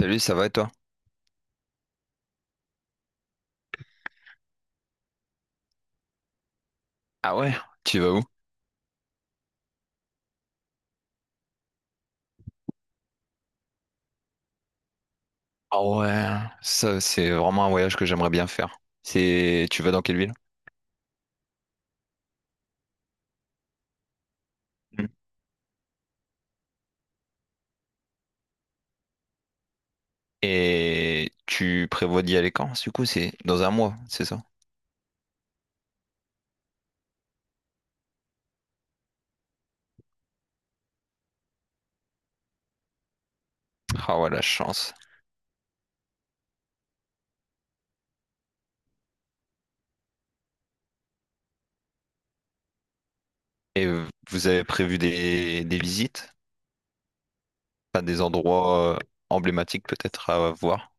Salut, ça va et toi? Ah ouais, tu vas où? Ah ouais, ça c'est vraiment un voyage que j'aimerais bien faire. Tu vas dans quelle ville? Hmm. Et tu prévois d'y aller quand? Du coup, c'est dans un mois, c'est ça? Ah ouais, la chance. Et vous avez prévu des visites? Pas des endroits emblématiques peut-être à voir?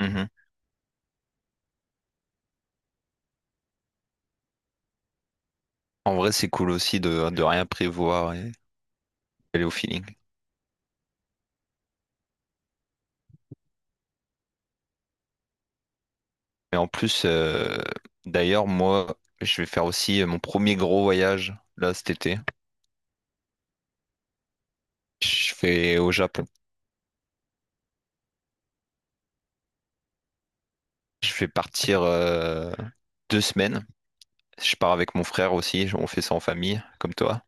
Mhm. En vrai, c'est cool aussi de rien prévoir et aller au feeling. Et en plus, d'ailleurs, moi, je vais faire aussi mon premier gros voyage là cet été. Je fais au Japon. Je fais partir 2 semaines. Je pars avec mon frère aussi. On fait ça en famille, comme toi.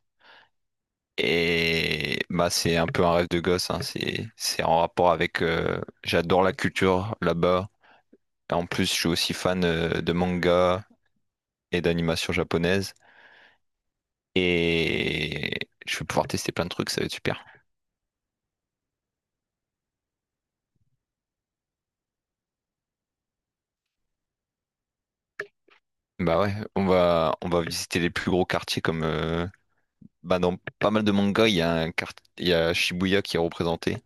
Et bah c'est un peu un rêve de gosse, hein. C'est en rapport avec, j'adore la culture là-bas. Et en plus, je suis aussi fan de manga et d'animation japonaise. Et je vais pouvoir tester plein de trucs. Ça va être super. Bah ouais, on va visiter les plus gros quartiers comme, bah dans pas mal de mangas, il y a Shibuya qui est représenté.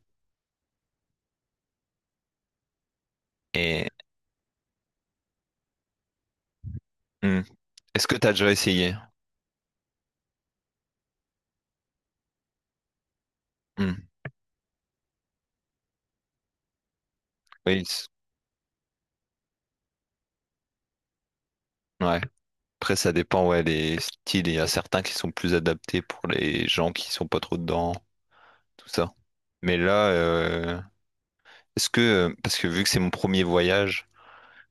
Et hmm. Est-ce que tu as déjà essayé? Hmm. Oui, c- ouais. Après, ça dépend, ouais, les styles. Il y a certains qui sont plus adaptés pour les gens qui sont pas trop dedans, tout ça. Mais là, est-ce que, parce que vu que c'est mon premier voyage,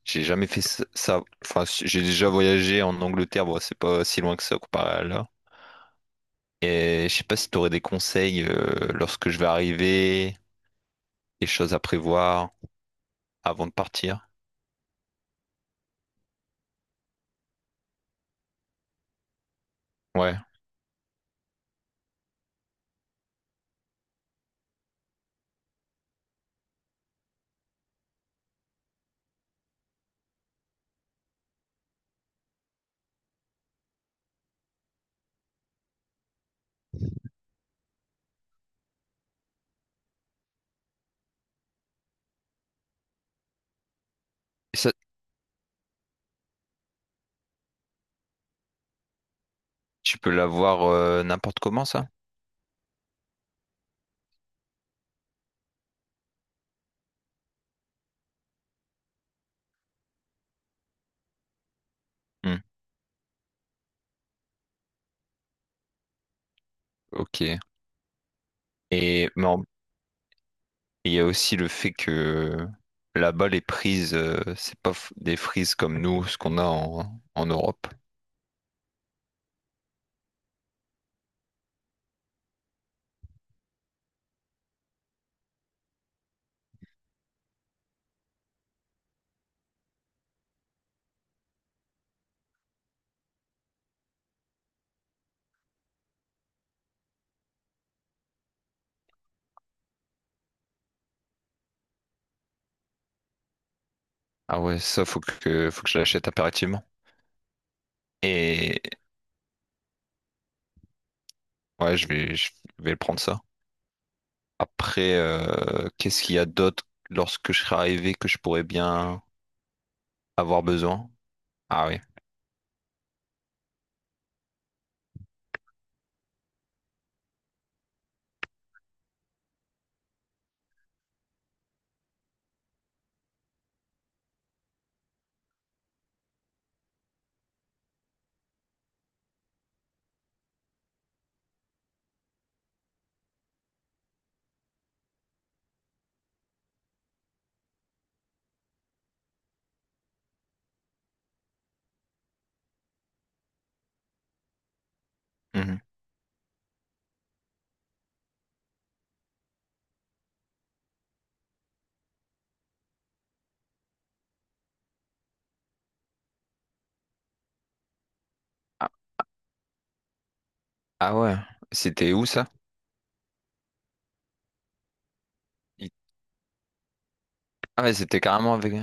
j'ai jamais fait ça. Enfin, si, j'ai déjà voyagé en Angleterre, bon, c'est pas si loin que ça comparé à là. Et je sais pas si tu aurais des conseils lorsque je vais arriver, des choses à prévoir avant de partir. Ouais. Et ça, tu peux l'avoir n'importe comment, ça? Hmm. Ok. Et mais en- il y a aussi le fait que là-bas, les prises, c'est pas f- des frises comme nous, ce qu'on a en Europe. Ah ouais, ça, faut que je l'achète impérativement. Et ouais, je vais prendre ça. Après, qu'est-ce qu'il y a d'autre lorsque je serai arrivé que je pourrais bien avoir besoin? Ah oui. Mhm. Ah, ah ouais, c'était où ça? Il- Ah ouais, c'était carrément avec.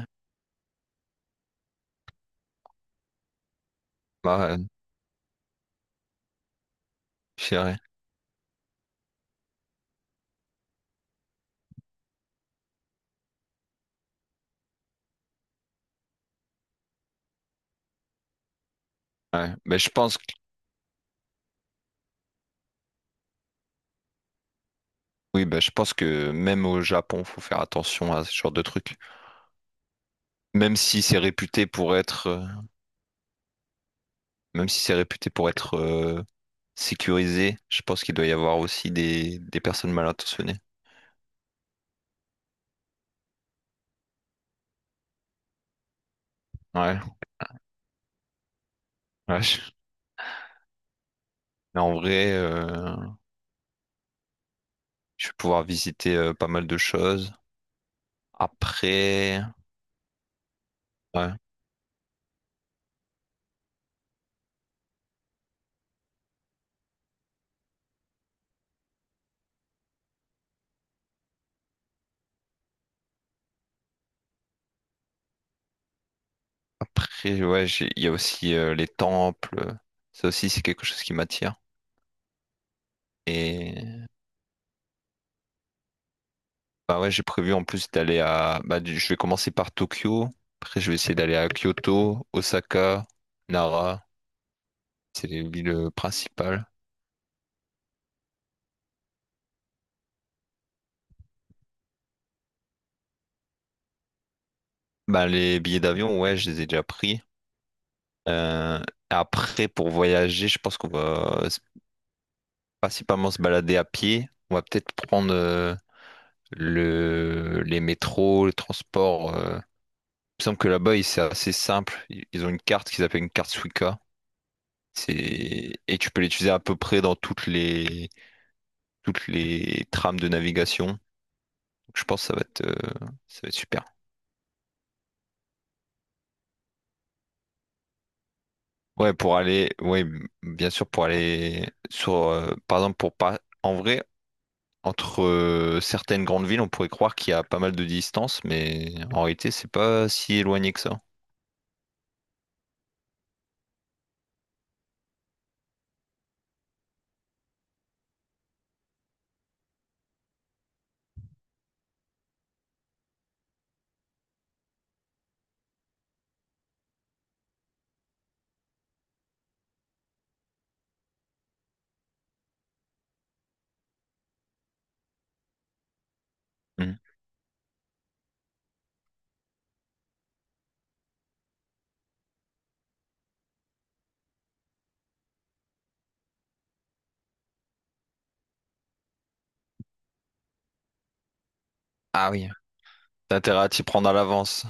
Bah ouais, je dirais. Ouais. Mais je pense, oui, bah, je pense que même au Japon, faut faire attention à ce genre de trucs. Même si c'est réputé pour être, euh, Même si c'est réputé pour être sécurisé, je pense qu'il doit y avoir aussi des personnes mal intentionnées. Ouais, ouais, je- Mais en vrai, je vais pouvoir visiter pas mal de choses. Après, ouais, après, ouais, il y a aussi les temples. Ça aussi, c'est quelque chose qui m'attire. Bah ouais, j'ai prévu en plus d'aller à... Bah, du- je vais commencer par Tokyo, après je vais essayer d'aller à Kyoto, Osaka, Nara, c'est les villes principales. Bah les billets d'avion, ouais, je les ai déjà pris. Euh, Après, pour voyager, je pense qu'on principalement se balader à pied. On va peut-être prendre le... les métros, le transport. Il me semble que là-bas, c'est assez simple. Ils ont une carte qu'ils appellent une carte Suica. C'est... Et tu peux l'utiliser à peu près dans toutes les trames de navigation. Donc, je pense que ça va être super. Ouais, pour aller, ouais, m- bien sûr, pour aller sur, par exemple, pour pas, en vrai, entre certaines grandes villes, on pourrait croire qu'il y a pas mal de distance, mais en réalité, c'est pas si éloigné que ça. Mhm. Ah oui, t'as intérêt à t'y prendre à l'avance.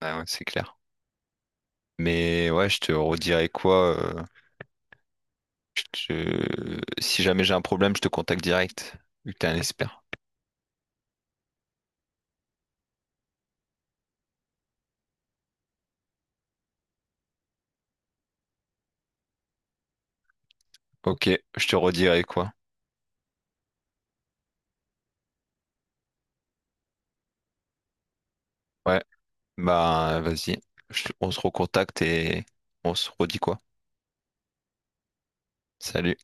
Ah ouais, c'est clair. Mais ouais, je te redirai quoi. Je te- Si jamais j'ai un problème, je te contacte direct, vu que t'es un expert. Ok, je te redirai quoi. Ouais. Bah, vas-y. Je- On se recontacte et on se redit quoi. Salut.